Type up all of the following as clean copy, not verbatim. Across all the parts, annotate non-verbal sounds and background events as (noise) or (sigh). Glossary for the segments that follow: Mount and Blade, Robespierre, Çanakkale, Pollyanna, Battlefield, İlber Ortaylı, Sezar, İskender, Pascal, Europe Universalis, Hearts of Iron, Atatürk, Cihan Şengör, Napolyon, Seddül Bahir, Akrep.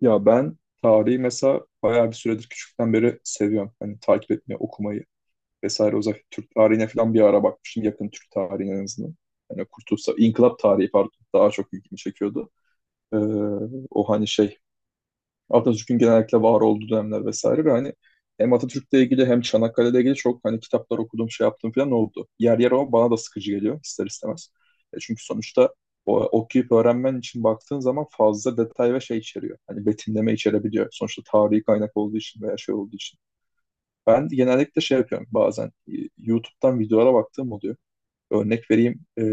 Ya ben tarihi mesela bayağı bir süredir küçükten beri seviyorum. Hani takip etmeyi, okumayı vesaire. Özellikle Türk tarihine falan bir ara bakmıştım. Yakın Türk tarihine en azından. Hani Kurtuluş, İnkılap tarihi pardon daha çok ilgimi çekiyordu. Ee, o hani şey Atatürk'ün genellikle var olduğu dönemler vesaire ve hani hem Atatürk'le ilgili hem Çanakkale'yle ilgili çok hani kitaplar okudum şey yaptım falan oldu. Yer yer ama bana da sıkıcı geliyor ister istemez. E çünkü sonuçta okuyup öğrenmen için baktığın zaman fazla detay ve şey içeriyor. Hani betimleme içerebiliyor. Sonuçta tarihi kaynak olduğu için veya şey olduğu için. Ben genellikle şey yapıyorum bazen YouTube'dan videolara baktığım oluyor. Örnek vereyim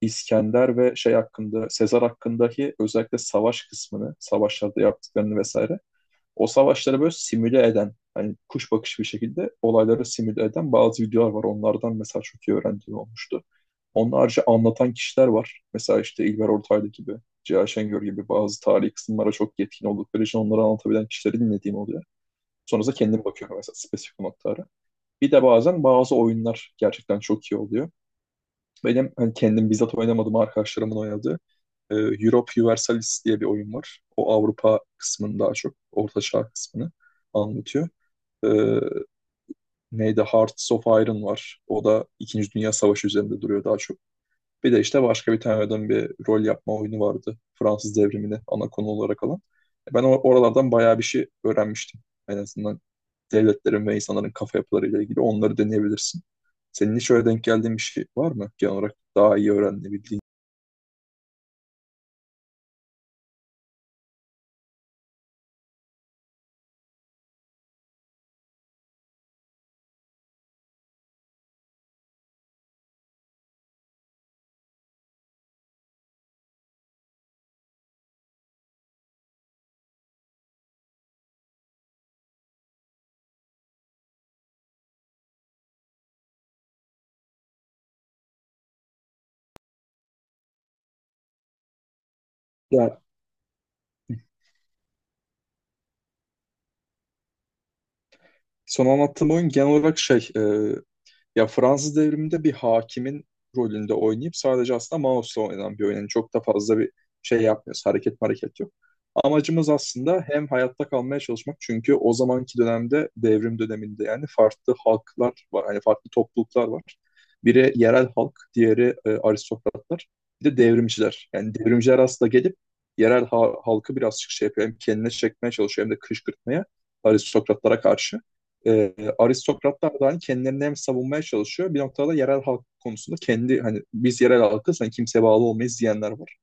İskender ve şey hakkında, Sezar hakkındaki özellikle savaş kısmını, savaşlarda yaptıklarını vesaire o savaşları böyle simüle eden, hani kuş bakışı bir şekilde olayları simüle eden bazı videolar var. Onlardan mesela çok iyi öğrendiğim olmuştu. Onun harici anlatan kişiler var. Mesela işte İlber Ortaylı gibi, Cihan Şengör gibi bazı tarihi kısımlara çok yetkin oldukları için onları anlatabilen kişileri dinlediğim oluyor. Sonrasında kendim bakıyorum mesela spesifik noktalara. Bir de bazen bazı oyunlar gerçekten çok iyi oluyor. Benim hani kendim bizzat oynamadım arkadaşlarımın oynadığı Europe Universalis diye bir oyun var. O Avrupa kısmını daha çok, Orta Çağ kısmını anlatıyor. E, neydi? Hearts of Iron var. O da İkinci Dünya Savaşı üzerinde duruyor daha çok. Bir de işte başka bir tane adam bir rol yapma oyunu vardı. Fransız devrimini ana konu olarak alan. Ben oralardan bayağı bir şey öğrenmiştim. En azından devletlerin ve insanların kafa yapılarıyla ilgili onları deneyebilirsin. Senin hiç öyle denk geldiğin bir şey var mı? Genel olarak daha iyi öğrenebildiğin. Ya son anlattığım oyun genel olarak şey, ya Fransız devriminde bir hakimin rolünde oynayıp sadece aslında mouse'la oynanan bir oyun. Yani çok da fazla bir şey yapmıyoruz. Hareket yok. Amacımız aslında hem hayatta kalmaya çalışmak çünkü o zamanki dönemde devrim döneminde yani farklı halklar var. Hani farklı topluluklar var. Biri yerel halk, diğeri aristokratlar. Bir de devrimciler. Yani devrimciler aslında gelip yerel halkı birazcık şey yapıyor. Hem kendine çekmeye çalışıyor hem de kışkırtmaya aristokratlara karşı aristokratlar da hani kendilerini hem savunmaya çalışıyor bir noktada yerel halk konusunda kendi hani biz yerel halkız hani kimseye bağlı olmayız diyenler var.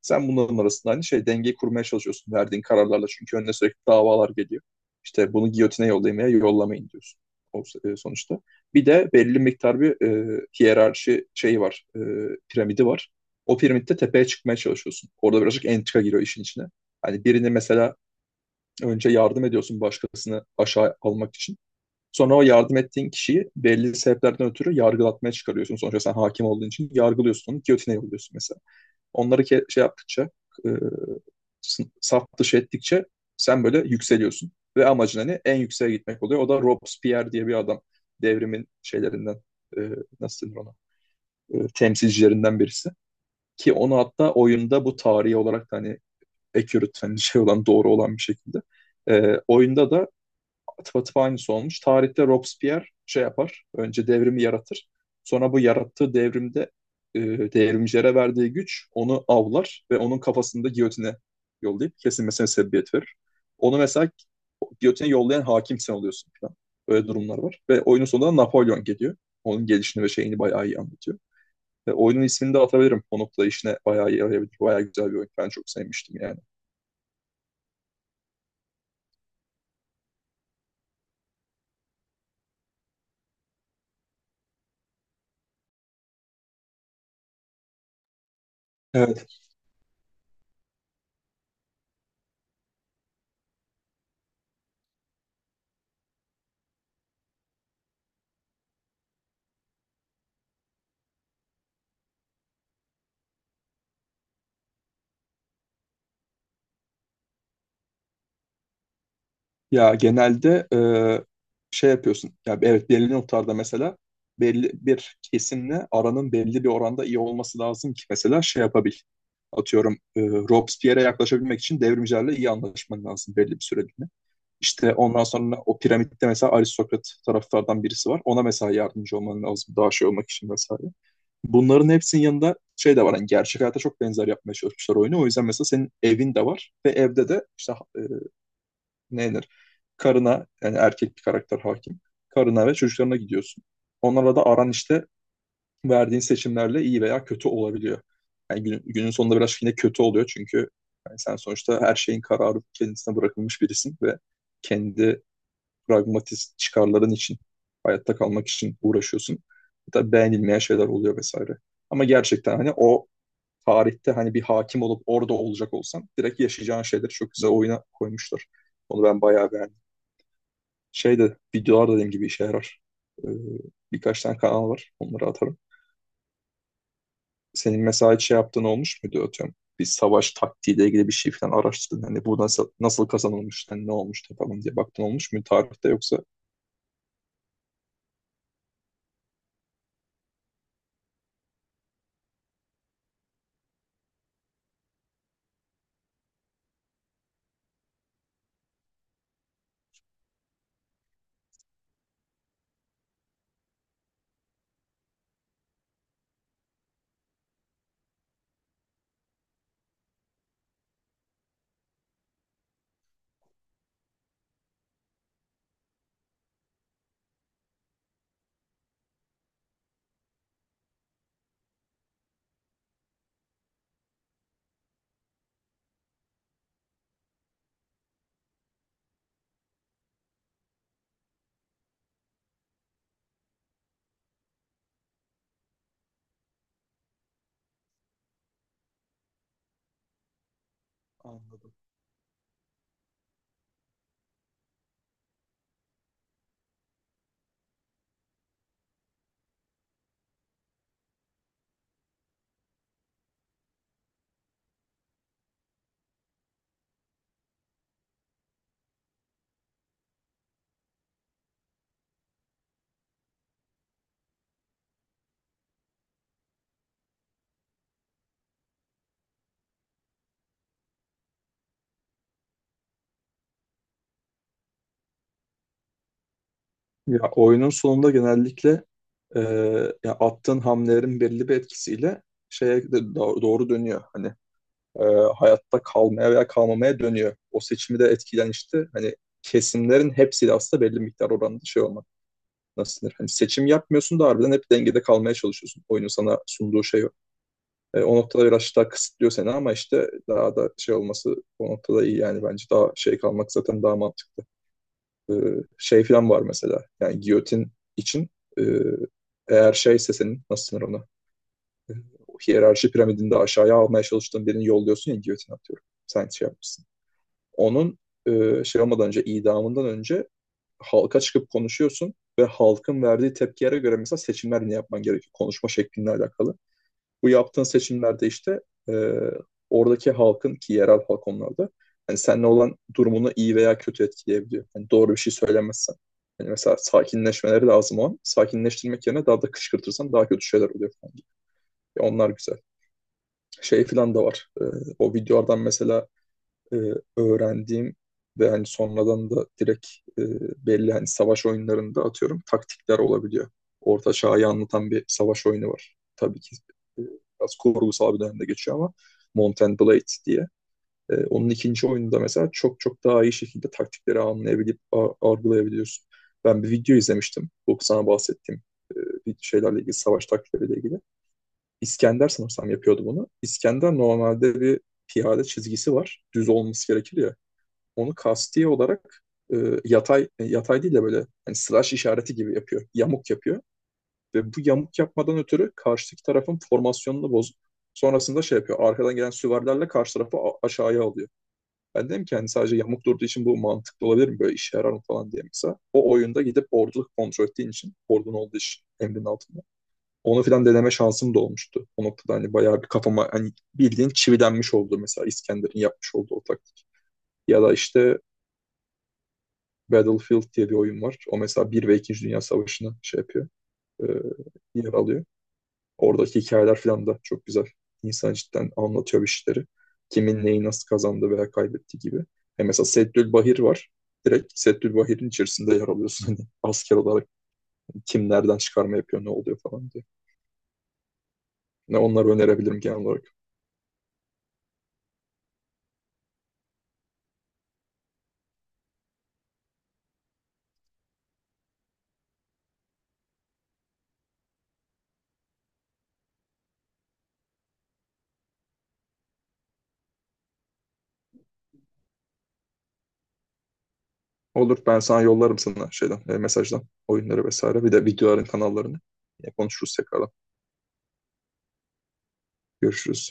Sen bunların arasında hani şey dengeyi kurmaya çalışıyorsun verdiğin kararlarla çünkü önüne sürekli davalar geliyor. İşte bunu giyotine yollayın veya yollamayın diyorsun sonuçta. Bir de belli miktar bir hiyerarşi şeyi var, piramidi var. O piramitte tepeye çıkmaya çalışıyorsun. Orada birazcık entrika giriyor işin içine. Hani birini mesela önce yardım ediyorsun başkasını aşağı almak için. Sonra o yardım ettiğin kişiyi belli sebeplerden ötürü yargılatmaya çıkarıyorsun. Sonuçta sen hakim olduğun için yargılıyorsun onu, giyotine yolluyorsun mesela. Onları şey yaptıkça, e, saf dışı ettikçe sen böyle yükseliyorsun. Ve amacın hani en yükseğe gitmek oluyor. O da Robespierre diye bir adam. Devrimin şeylerinden, e, nasıl denir ona, temsilcilerinden birisi. Ki onu hatta oyunda bu tarihi olarak da hani accurate, hani şey olan, doğru olan bir şekilde. Oyunda da atıp atıp aynısı olmuş. Tarihte Robespierre şey yapar. Önce devrimi yaratır. Sonra bu yarattığı devrimde e, devrimcilere verdiği güç onu avlar ve onun kafasında giyotine yollayıp kesilmesine sebebiyet verir. Onu mesela giyotine yollayan hakim sen oluyorsun falan. Öyle durumlar var. Ve oyunun sonunda Napolyon geliyor. Onun gelişini ve şeyini bayağı iyi anlatıyor. Ve oyunun ismini de atabilirim. O noktada işine bayağı iyi yarayabilir. Bayağı güzel bir oyun. Ben çok sevmiştim yani. Evet. Ya genelde şey yapıyorsun. Ya evet belli noktalarda mesela belli bir kesimle aranın belli bir oranda iyi olması lazım ki mesela şey yapabil. Atıyorum Robespierre'e yaklaşabilmek için devrimcilerle iyi anlaşman lazım belli bir süreliğine. İşte ondan sonra o piramitte mesela aristokrat taraftardan birisi var. Ona mesela yardımcı olman lazım daha şey olmak için vesaire. Bunların hepsinin yanında şey de var. Hani gerçek hayata çok benzer yapmaya çalışmışlar oyunu. O yüzden mesela senin evin de var ve evde de işte ne karına yani erkek bir karakter hakim. Karına ve çocuklarına gidiyorsun. Onlarla da aran işte verdiğin seçimlerle iyi veya kötü olabiliyor. Yani günün sonunda biraz yine kötü oluyor çünkü yani sen sonuçta her şeyin kararı kendisine bırakılmış birisin ve kendi pragmatist çıkarların için hayatta kalmak için uğraşıyorsun. Hatta beğenilmeyen şeyler oluyor vesaire. Ama gerçekten hani o tarihte hani bir hakim olup orada olacak olsan direkt yaşayacağın şeyleri çok güzel oyuna koymuşlar. Onu ben bayağı beğendim. Şey de videolar da dediğim gibi işe yarar. Ee, birkaç tane kanal var. Onları atarım. Senin mesela hiç şey yaptığın olmuş muydu atıyorum? Bir savaş taktiğiyle ilgili bir şey falan araştırdın. Hani bu nasıl kazanılmış, hani ne olmuş falan diye baktın olmuş mu tarihte yoksa? Anladım. Ya oyunun sonunda genellikle e, ya attığın hamlelerin belli bir etkisiyle şeye de doğru, dönüyor. Hani e, hayatta kalmaya veya kalmamaya dönüyor. O seçimi de etkilen işte hani kesimlerin hepsiyle aslında belli miktar oranda şey olmak. Nasıl denir? Hani seçim yapmıyorsun da harbiden hep dengede kalmaya çalışıyorsun. Oyunun sana sunduğu şey o. O noktada biraz daha kısıtlıyor seni ama işte daha da şey olması o noktada iyi yani bence daha şey kalmak zaten daha mantıklı. E, şey falan var mesela yani giyotin için e, eğer şeyse senin nasıl denir ona? E, hiyerarşi piramidinde aşağıya almaya çalıştığın birini yolluyorsun ya giyotin atıyorum. Sen şey yapmışsın. Onun şey olmadan önce, idamından önce halka çıkıp konuşuyorsun ve halkın verdiği tepkilere göre mesela seçimler ne yapman gerekiyor konuşma şeklinle alakalı. Bu yaptığın seçimlerde işte e, oradaki halkın ki yerel halk onlarda hani seninle olan durumunu iyi veya kötü etkileyebiliyor. Hani doğru bir şey söylemezsen. Yani mesela sakinleşmeleri lazım o an. Sakinleştirmek yerine daha da kışkırtırsan daha kötü şeyler oluyor falan. Onlar güzel. Şey falan da var. O videolardan mesela e, öğrendiğim ve hani sonradan da direkt e, belli hani savaş oyunlarında atıyorum taktikler olabiliyor. Orta Çağ'ı anlatan bir savaş oyunu var. Tabii ki e, biraz kurgusal bir dönemde geçiyor ama Mount and Blade diye. Onun ikinci oyununda mesela çok çok daha iyi şekilde taktikleri anlayabilip algılayabiliyorsun. Ben bir video izlemiştim. Bu sana bahsettiğim e, bir şeylerle ilgili, savaş taktikleriyle ilgili. İskender sanırsam yapıyordu bunu. İskender normalde bir piyade çizgisi var. Düz olması gerekir ya onu kasti olarak e, yatay değil de böyle hani slash işareti gibi yapıyor. Yamuk yapıyor. Ve bu yamuk yapmadan ötürü karşıdaki tarafın formasyonunu bozup sonrasında şey yapıyor. Arkadan gelen süvarilerle karşı tarafı aşağıya alıyor. Ben dedim ki hani sadece yamuk durduğu için bu mantıklı olabilir mi? Böyle işe yarar mı falan diye mesela. O oyunda gidip ordu kontrol ettiğin için, ordun olduğu için emrin altında. Onu filan deneme şansım da olmuştu. O noktada hani bayağı bir kafama hani bildiğin çivilenmiş oldu mesela İskender'in yapmış olduğu o taktik. Ya da işte Battlefield diye bir oyun var. O mesela bir ve ikinci Dünya Savaşı'nı şey yapıyor. E, yer alıyor. Oradaki hikayeler falan da çok güzel. İnsan cidden anlatıyor işleri. Kimin neyi nasıl kazandı veya kaybetti gibi. E mesela Seddül Bahir var. Direkt Seddül Bahir'in içerisinde yer alıyorsun. (laughs) Hani asker olarak kim nereden çıkarma yapıyor, ne oluyor falan diye. Ne onları önerebilirim genel olarak. Olur ben sana yollarım sana şeyden, mesajdan oyunları vesaire. Bir de videoların kanallarını. Konuşuruz tekrardan. Görüşürüz.